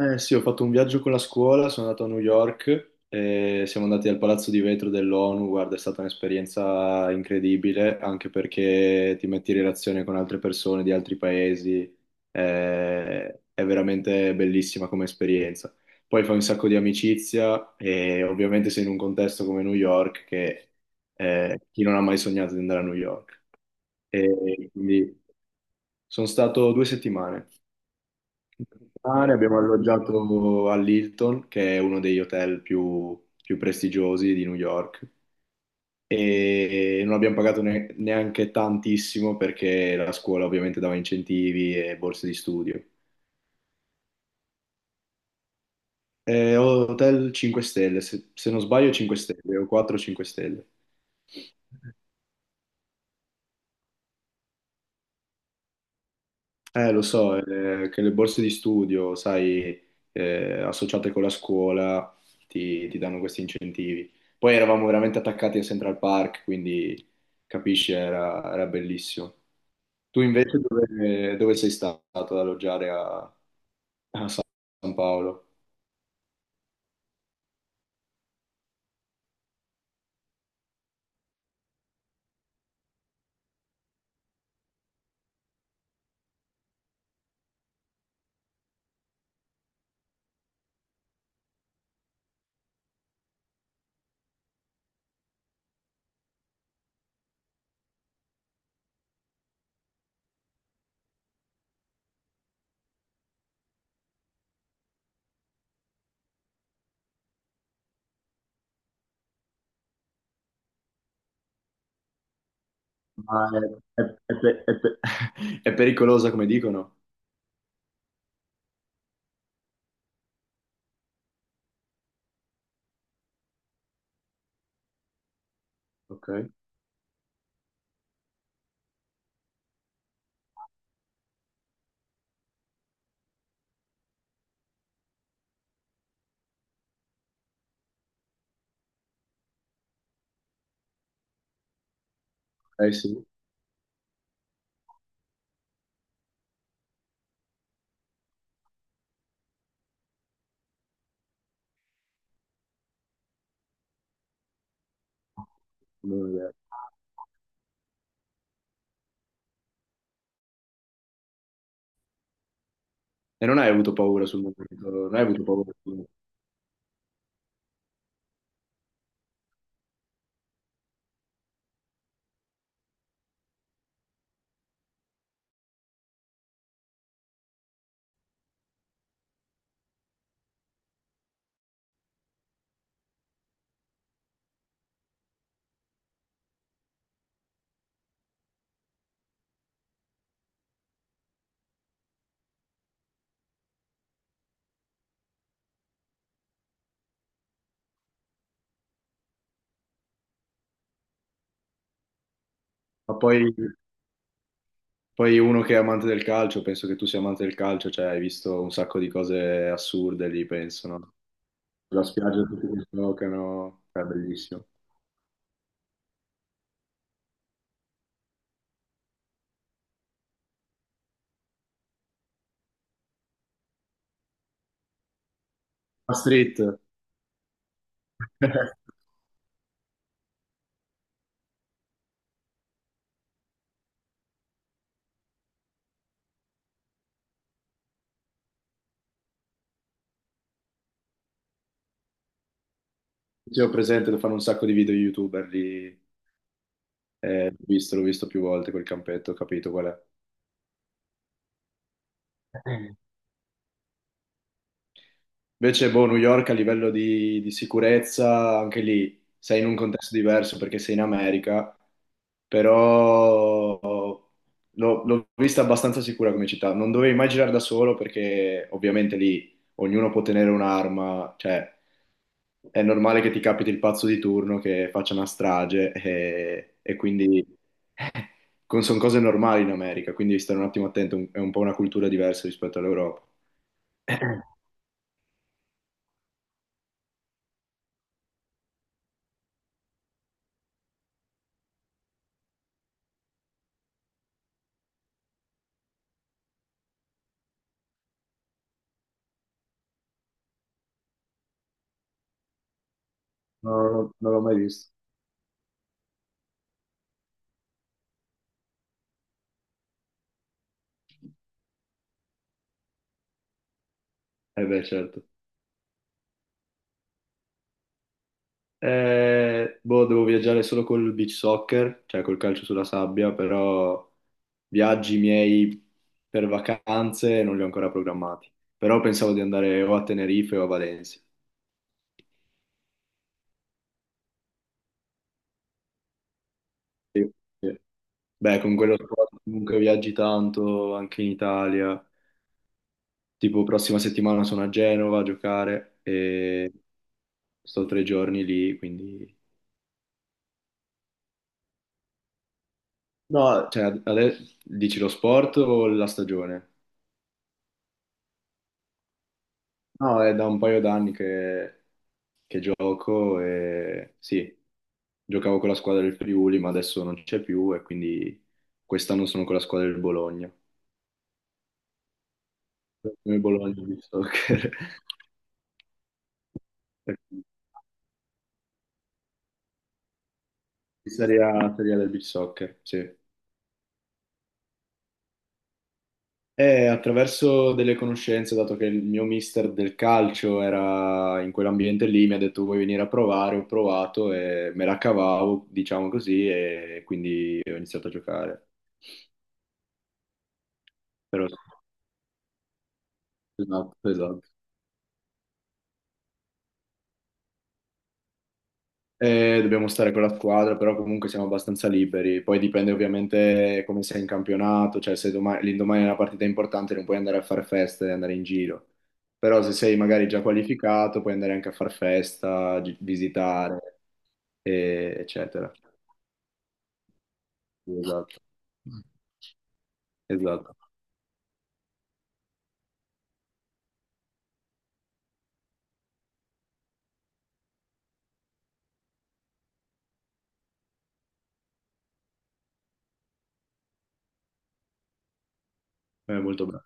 Eh sì, ho fatto un viaggio con la scuola, sono andato a New York e siamo andati al Palazzo di Vetro dell'ONU. Guarda, è stata un'esperienza incredibile, anche perché ti metti in relazione con altre persone di altri paesi. eh, è veramente bellissima come esperienza. Poi fai un sacco di amicizia e ovviamente sei in un contesto come New York che chi non ha mai sognato di andare a New York. E quindi sono stato due settimane mare, abbiamo alloggiato all'Hilton, che è uno degli hotel più prestigiosi di New York, e non abbiamo pagato neanche tantissimo perché la scuola ovviamente dava incentivi e borse di studio. Hotel 5 stelle, se non sbaglio 5 stelle o 4-5 stelle. Lo so, che le borse di studio, sai, associate con la scuola, ti danno questi incentivi. Poi eravamo veramente attaccati a Central Park, quindi capisci, era bellissimo. Tu invece dove sei stato ad alloggiare a San Paolo? Ma è, è- è pe- è pe- è pericolosa come dicono? Ok, eh sì. Non ho idea. E non hai avuto paura sul momento, non hai avuto paura sul momento. Ma poi. Poi uno che è amante del calcio, penso che tu sia amante del calcio, cioè hai visto un sacco di cose assurde lì, penso, no? La spiaggia tutti che giocano, è bellissimo. La street. Sì, ho presente, lo fanno un sacco di video youtuber lì, l'ho visto più volte quel campetto, ho capito qual è. Invece, boh, New York a livello di sicurezza, anche lì sei in un contesto diverso perché sei in America, però l'ho vista abbastanza sicura come città, non dovevi mai girare da solo perché ovviamente lì ognuno può tenere un'arma, cioè è normale che ti capiti il pazzo di turno che faccia una strage e quindi sono cose normali in America, quindi stare un attimo attento, è un po' una cultura diversa rispetto all'Europa. No, non l'ho mai visto. Eh beh, certo. Boh, devo viaggiare solo col beach soccer, cioè col calcio sulla sabbia, però viaggi miei per vacanze non li ho ancora programmati. Però pensavo di andare o a Tenerife o a Valencia. Sì, sì. Beh, con quello sport comunque viaggi tanto anche in Italia. Tipo, prossima settimana sono a Genova a giocare e sto tre giorni lì, quindi. No, cioè, adesso dici lo sport o la stagione? No, è da un paio d'anni che gioco e sì, giocavo con la squadra del Friuli, ma adesso non c'è più e quindi quest'anno sono con la squadra del Bologna. Come Bologna di soccer. Di Serie A, Serie A del beach soccer, sì. E attraverso delle conoscenze, dato che il mio mister del calcio era in quell'ambiente lì, mi ha detto vuoi venire a provare, ho provato e me la cavavo, diciamo così, e quindi ho iniziato a giocare. Però sì. Esatto, esatto. E dobbiamo stare con la squadra, però comunque siamo abbastanza liberi. Poi dipende ovviamente come sei in campionato, cioè se l'indomani è una partita importante non puoi andare a fare festa e andare in giro. Però se sei magari già qualificato puoi andare anche a far festa, visitare, eccetera. Esatto, esatto. È molto bello.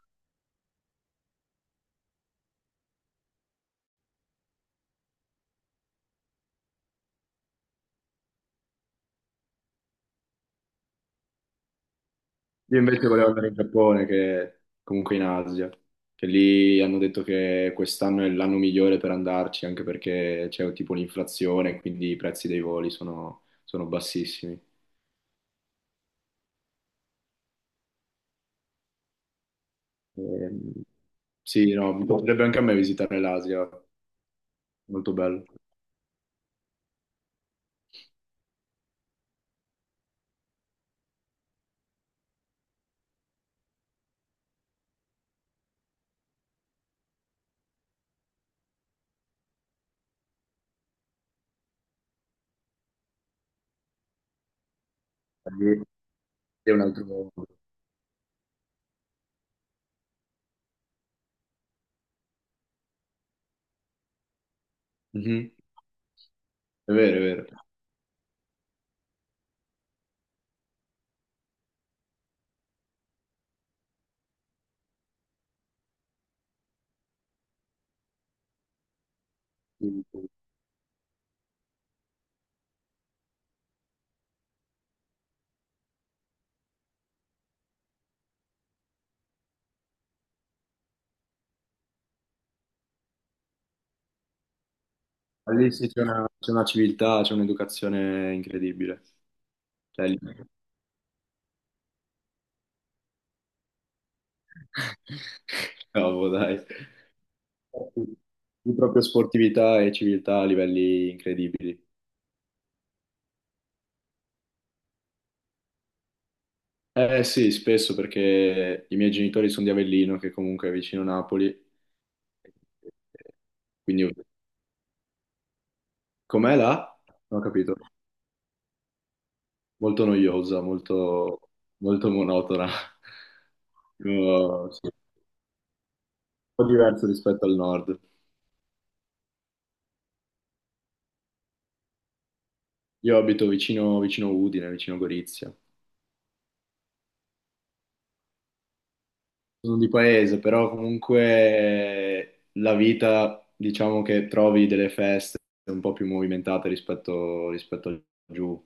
Io invece volevo andare in Giappone, che comunque in Asia, che lì hanno detto che quest'anno è l'anno migliore per andarci, anche perché c'è tipo l'inflazione, quindi i prezzi dei voli sono bassissimi. Ehm, sì, no, mi piacerebbe anche a me visitare l'Asia, molto bello. Lì. È un altro. Mhm. È vero, è vero. Lì sì, c'è una civiltà, c'è un'educazione incredibile. Cioè, Cavolo, dai. Di proprio sportività e civiltà a livelli incredibili. Eh sì, spesso perché i miei genitori sono di Avellino, che comunque è vicino Napoli, quindi com'è là? Non ho capito. Molto noiosa, molto, molto monotona. Sì, un po' diverso rispetto al nord. Io abito vicino Udine, vicino Gorizia. Sono di paese, però comunque la vita, diciamo che trovi delle feste un po' più movimentate rispetto a giù.